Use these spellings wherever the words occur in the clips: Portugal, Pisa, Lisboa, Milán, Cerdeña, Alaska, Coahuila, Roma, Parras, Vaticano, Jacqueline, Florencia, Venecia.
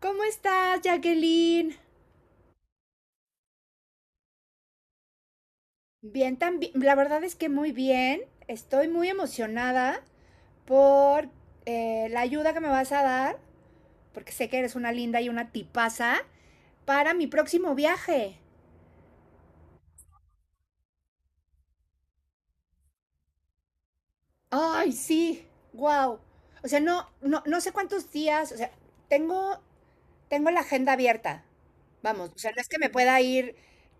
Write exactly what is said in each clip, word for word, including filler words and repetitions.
¿Cómo estás, Jacqueline? Bien, también. La verdad es que muy bien. Estoy muy emocionada por eh, la ayuda que me vas a dar, porque sé que eres una linda y una tipaza, para mi próximo viaje. Ay, sí, wow. O sea, no, no, no sé cuántos días. O sea, tengo tengo la agenda abierta. Vamos, o sea, no es que me pueda ir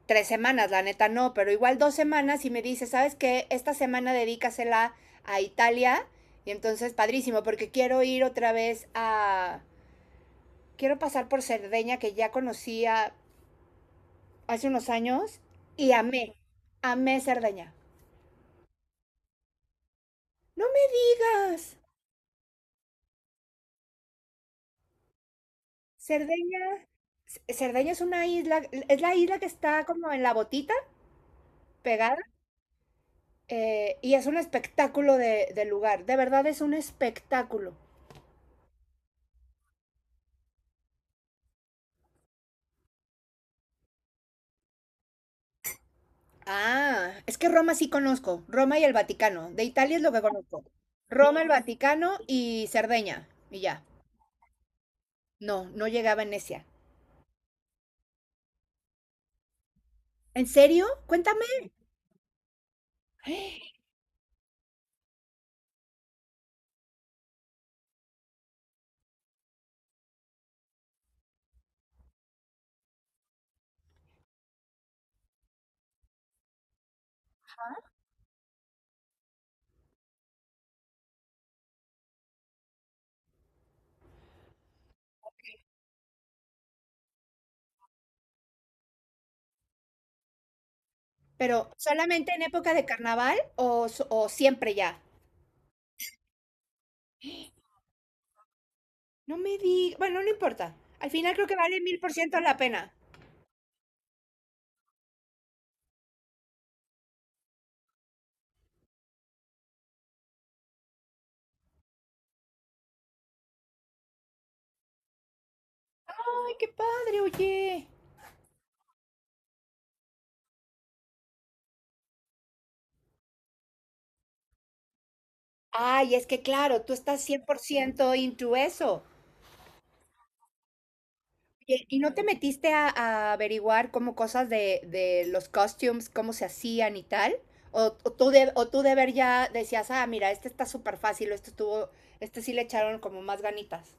tres semanas, la neta no, pero igual dos semanas y me dice, ¿sabes qué? Esta semana dedícasela a Italia y entonces padrísimo, porque quiero ir otra vez a... Quiero pasar por Cerdeña, que ya conocía hace unos años, y amé, amé Cerdeña. No me digas. Cerdeña, Cerdeña es una isla, es la isla que está como en la botita, pegada. Eh, y es un espectáculo de, de lugar. De verdad es un espectáculo. Ah, es que Roma sí conozco. Roma y el Vaticano. De Italia es lo que conozco. Roma, el Vaticano y Cerdeña. Y ya. No, no llegué a Venecia. ¿En serio? Cuéntame. Pero solamente en época de carnaval o, so- o siempre ya. No me di. Bueno, no importa. Al final creo que vale mil por ciento la pena. Ay, qué padre, oye. Ay, es que claro, tú estás cien por ciento into eso. Oye, ¿y no te metiste a, a averiguar como cosas de, de los costumes, cómo se hacían y tal? O, o tú de, o tú de ver ya decías, ah, mira, este está súper fácil, o este estuvo, este sí le echaron como más ganitas.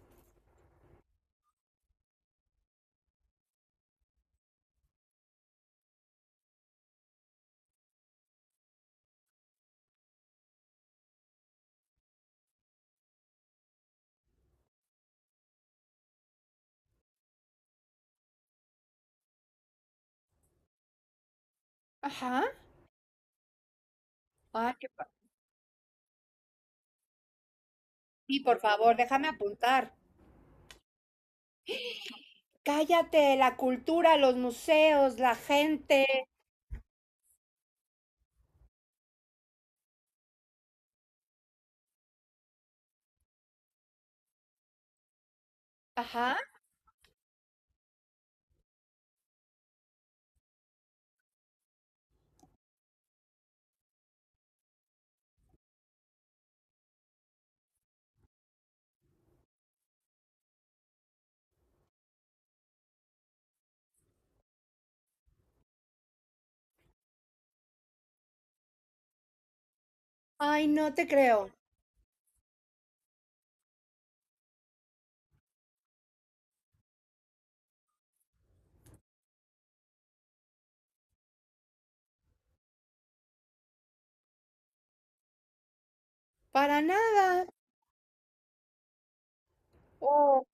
Ajá. Ah, qué pa- Sí, por favor, déjame apuntar. Cállate, la cultura, los museos, la gente. Ajá. Ay, no te creo. Para nada. Oh,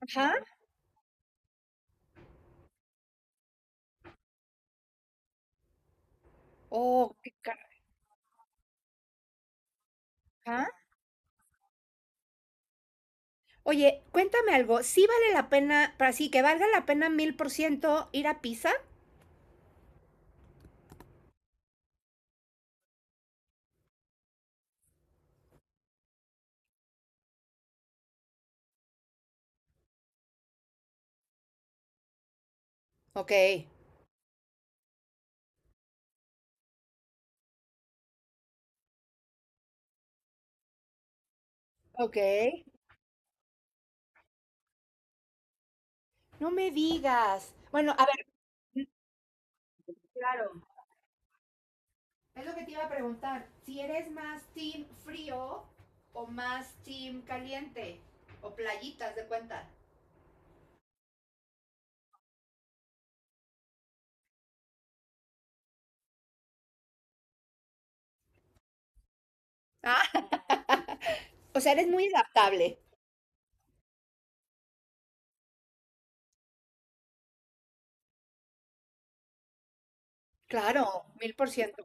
ajá. Oh, qué carajo. Oye, cuéntame algo, ¿sí vale la pena, para sí que valga la pena mil por ciento ir a Pisa? Ok, ok. No me digas. Bueno, a ver, mm, claro. Es lo que te iba a preguntar, si eres más team frío o más team caliente o playitas de cuenta. Ah, o sea, eres muy adaptable. Claro, mil por ciento.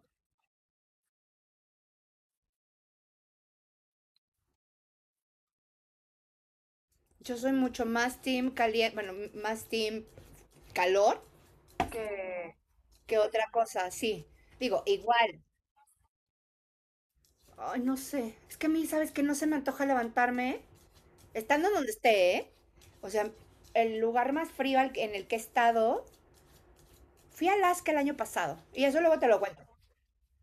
Yo soy mucho más team caliente, bueno, m- más team calor que, que otra cosa, sí. Digo, igual, ay, no sé. Es que a mí, ¿sabes que no se me antoja levantarme? ¿Eh? Estando en donde esté, ¿eh? O sea, el lugar más frío al- en el que he estado, fui a Alaska el año pasado. Y eso luego te lo cuento.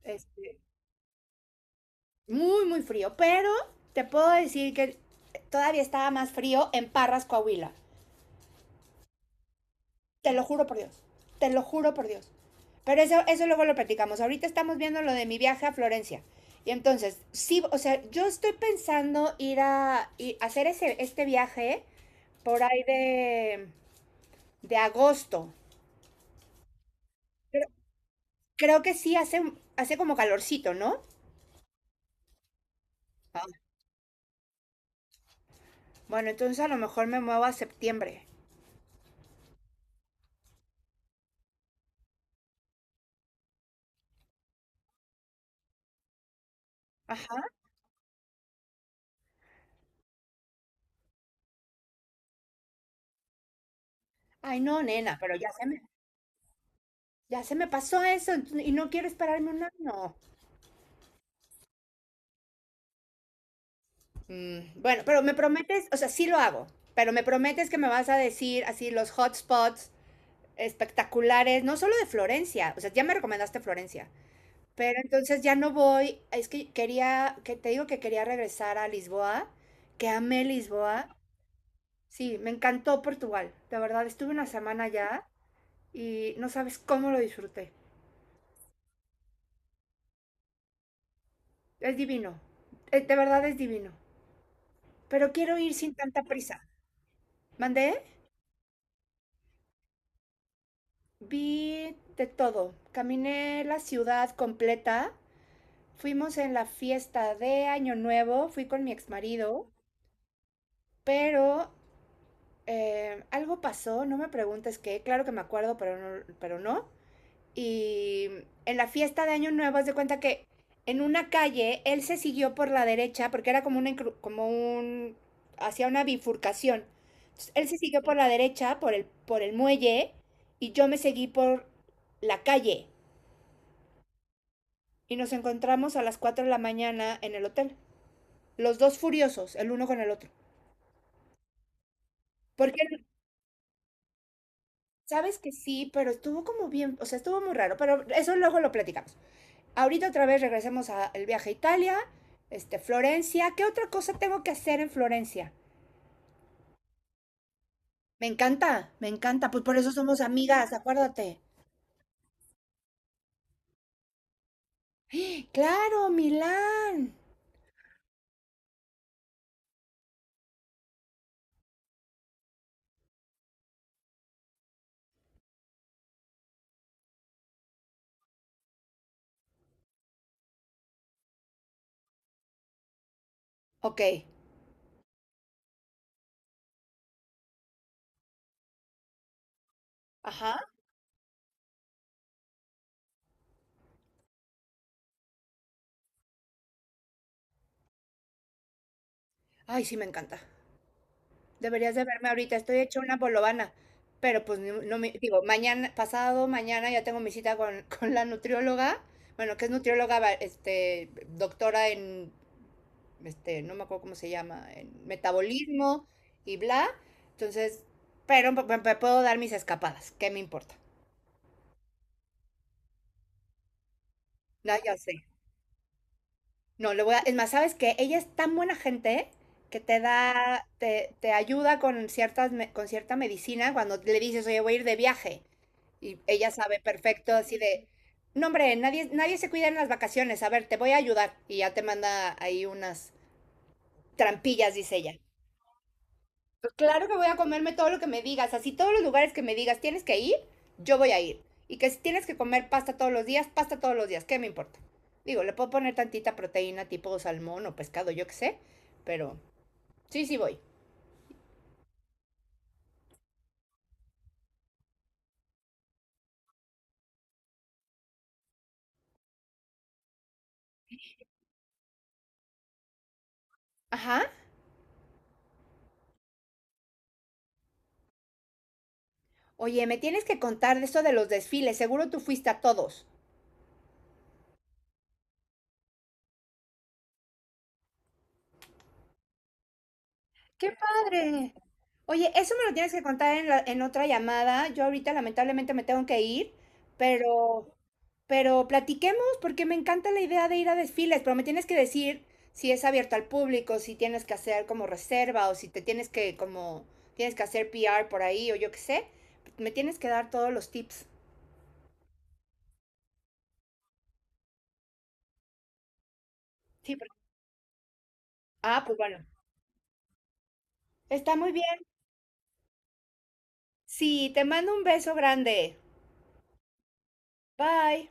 Este, muy, muy frío. Pero te puedo decir que todavía estaba más frío en Parras, Coahuila. Te lo juro por Dios. Te lo juro por Dios. Pero eso, eso luego lo platicamos. Ahorita estamos viendo lo de mi viaje a Florencia. Y entonces, sí, o sea, yo estoy pensando ir a, ir a hacer ese, este viaje por ahí de, de agosto. Pero creo que sí hace, hace como calorcito, ¿no? Ah, bueno, entonces a lo mejor me muevo a septiembre. Ajá. Ay, no, nena, pero ya se me, ya se me pasó eso ent- y no quiero esperarme un año. Mm, bueno, pero me prometes, o sea, sí lo hago, pero me prometes que me vas a decir así los hotspots espectaculares, no solo de Florencia. O sea, ya me recomendaste Florencia, pero entonces ya no voy. Es que quería, que te digo que quería regresar a Lisboa, que amé Lisboa. Sí, me encantó Portugal, de verdad, estuve una semana allá y no sabes cómo lo disfruté. Es divino, eh, de verdad es divino. Pero quiero ir sin tanta prisa. Mandé, vi de todo, caminé la ciudad completa, fuimos en la fiesta de Año Nuevo, fui con mi exmarido, pero eh, algo pasó, no me preguntes qué, claro que me acuerdo, pero no, pero no. Y en la fiesta de Año Nuevo, haz de cuenta que en una calle él se siguió por la derecha porque era como, una, incru- como un, hacía una bifurcación. Entonces, él se siguió por la derecha, por el, por el muelle, y yo me seguí por la calle. Y nos encontramos a las cuatro de la mañana en el hotel. Los dos furiosos, el uno con el otro. Porque sabes que sí, pero estuvo como bien, o sea, estuvo muy raro, pero eso luego lo platicamos. Ahorita otra vez regresemos al viaje a Italia, este, Florencia. ¿Qué otra cosa tengo que hacer en Florencia? Me encanta, me encanta, pues por eso somos amigas, acuérdate. Claro, Milán. Ok, ajá. Ay, sí, me encanta. Deberías de verme ahorita, estoy hecha una bolovana, pero pues no, no me, digo, mañana, pasado mañana ya tengo mi cita con, con la nutrióloga, bueno, que es nutrióloga, va- este, doctora en, este, no me acuerdo cómo se llama, en metabolismo y bla, entonces, pero me, me puedo dar mis escapadas, ¿qué me importa? No, ya sé. No, le voy a... Es más, ¿sabes qué? Ella es tan buena gente que te da, te, te ayuda con ciertas, me- con cierta medicina cuando le dices, oye, voy a ir de viaje. Y ella sabe perfecto, así de, no, hombre, nadie, nadie se cuida en las vacaciones. A ver, te voy a ayudar. Y ya te manda ahí unas trampillas, dice ella. Claro que voy a comerme todo lo que me digas, así todos los lugares que me digas tienes que ir, yo voy a ir. Y que si tienes que comer pasta todos los días, pasta todos los días, ¿qué me importa? Digo, le puedo poner tantita proteína tipo salmón o pescado, yo qué sé, pero sí, sí voy. Ajá. Oye, me tienes que contar de eso de los desfiles, seguro tú fuiste a todos. ¡Qué padre! Oye, eso me lo tienes que contar en la- en otra llamada. Yo ahorita lamentablemente me tengo que ir, pero, pero platiquemos porque me encanta la idea de ir a desfiles, pero me tienes que decir si es abierto al público, si tienes que hacer como reserva o si te tienes que como tienes que hacer P R por ahí o yo qué sé. Me tienes que dar todos los tips. Sí, porque... Ah, pues bueno. Está muy bien. Sí, te mando un beso grande. Bye.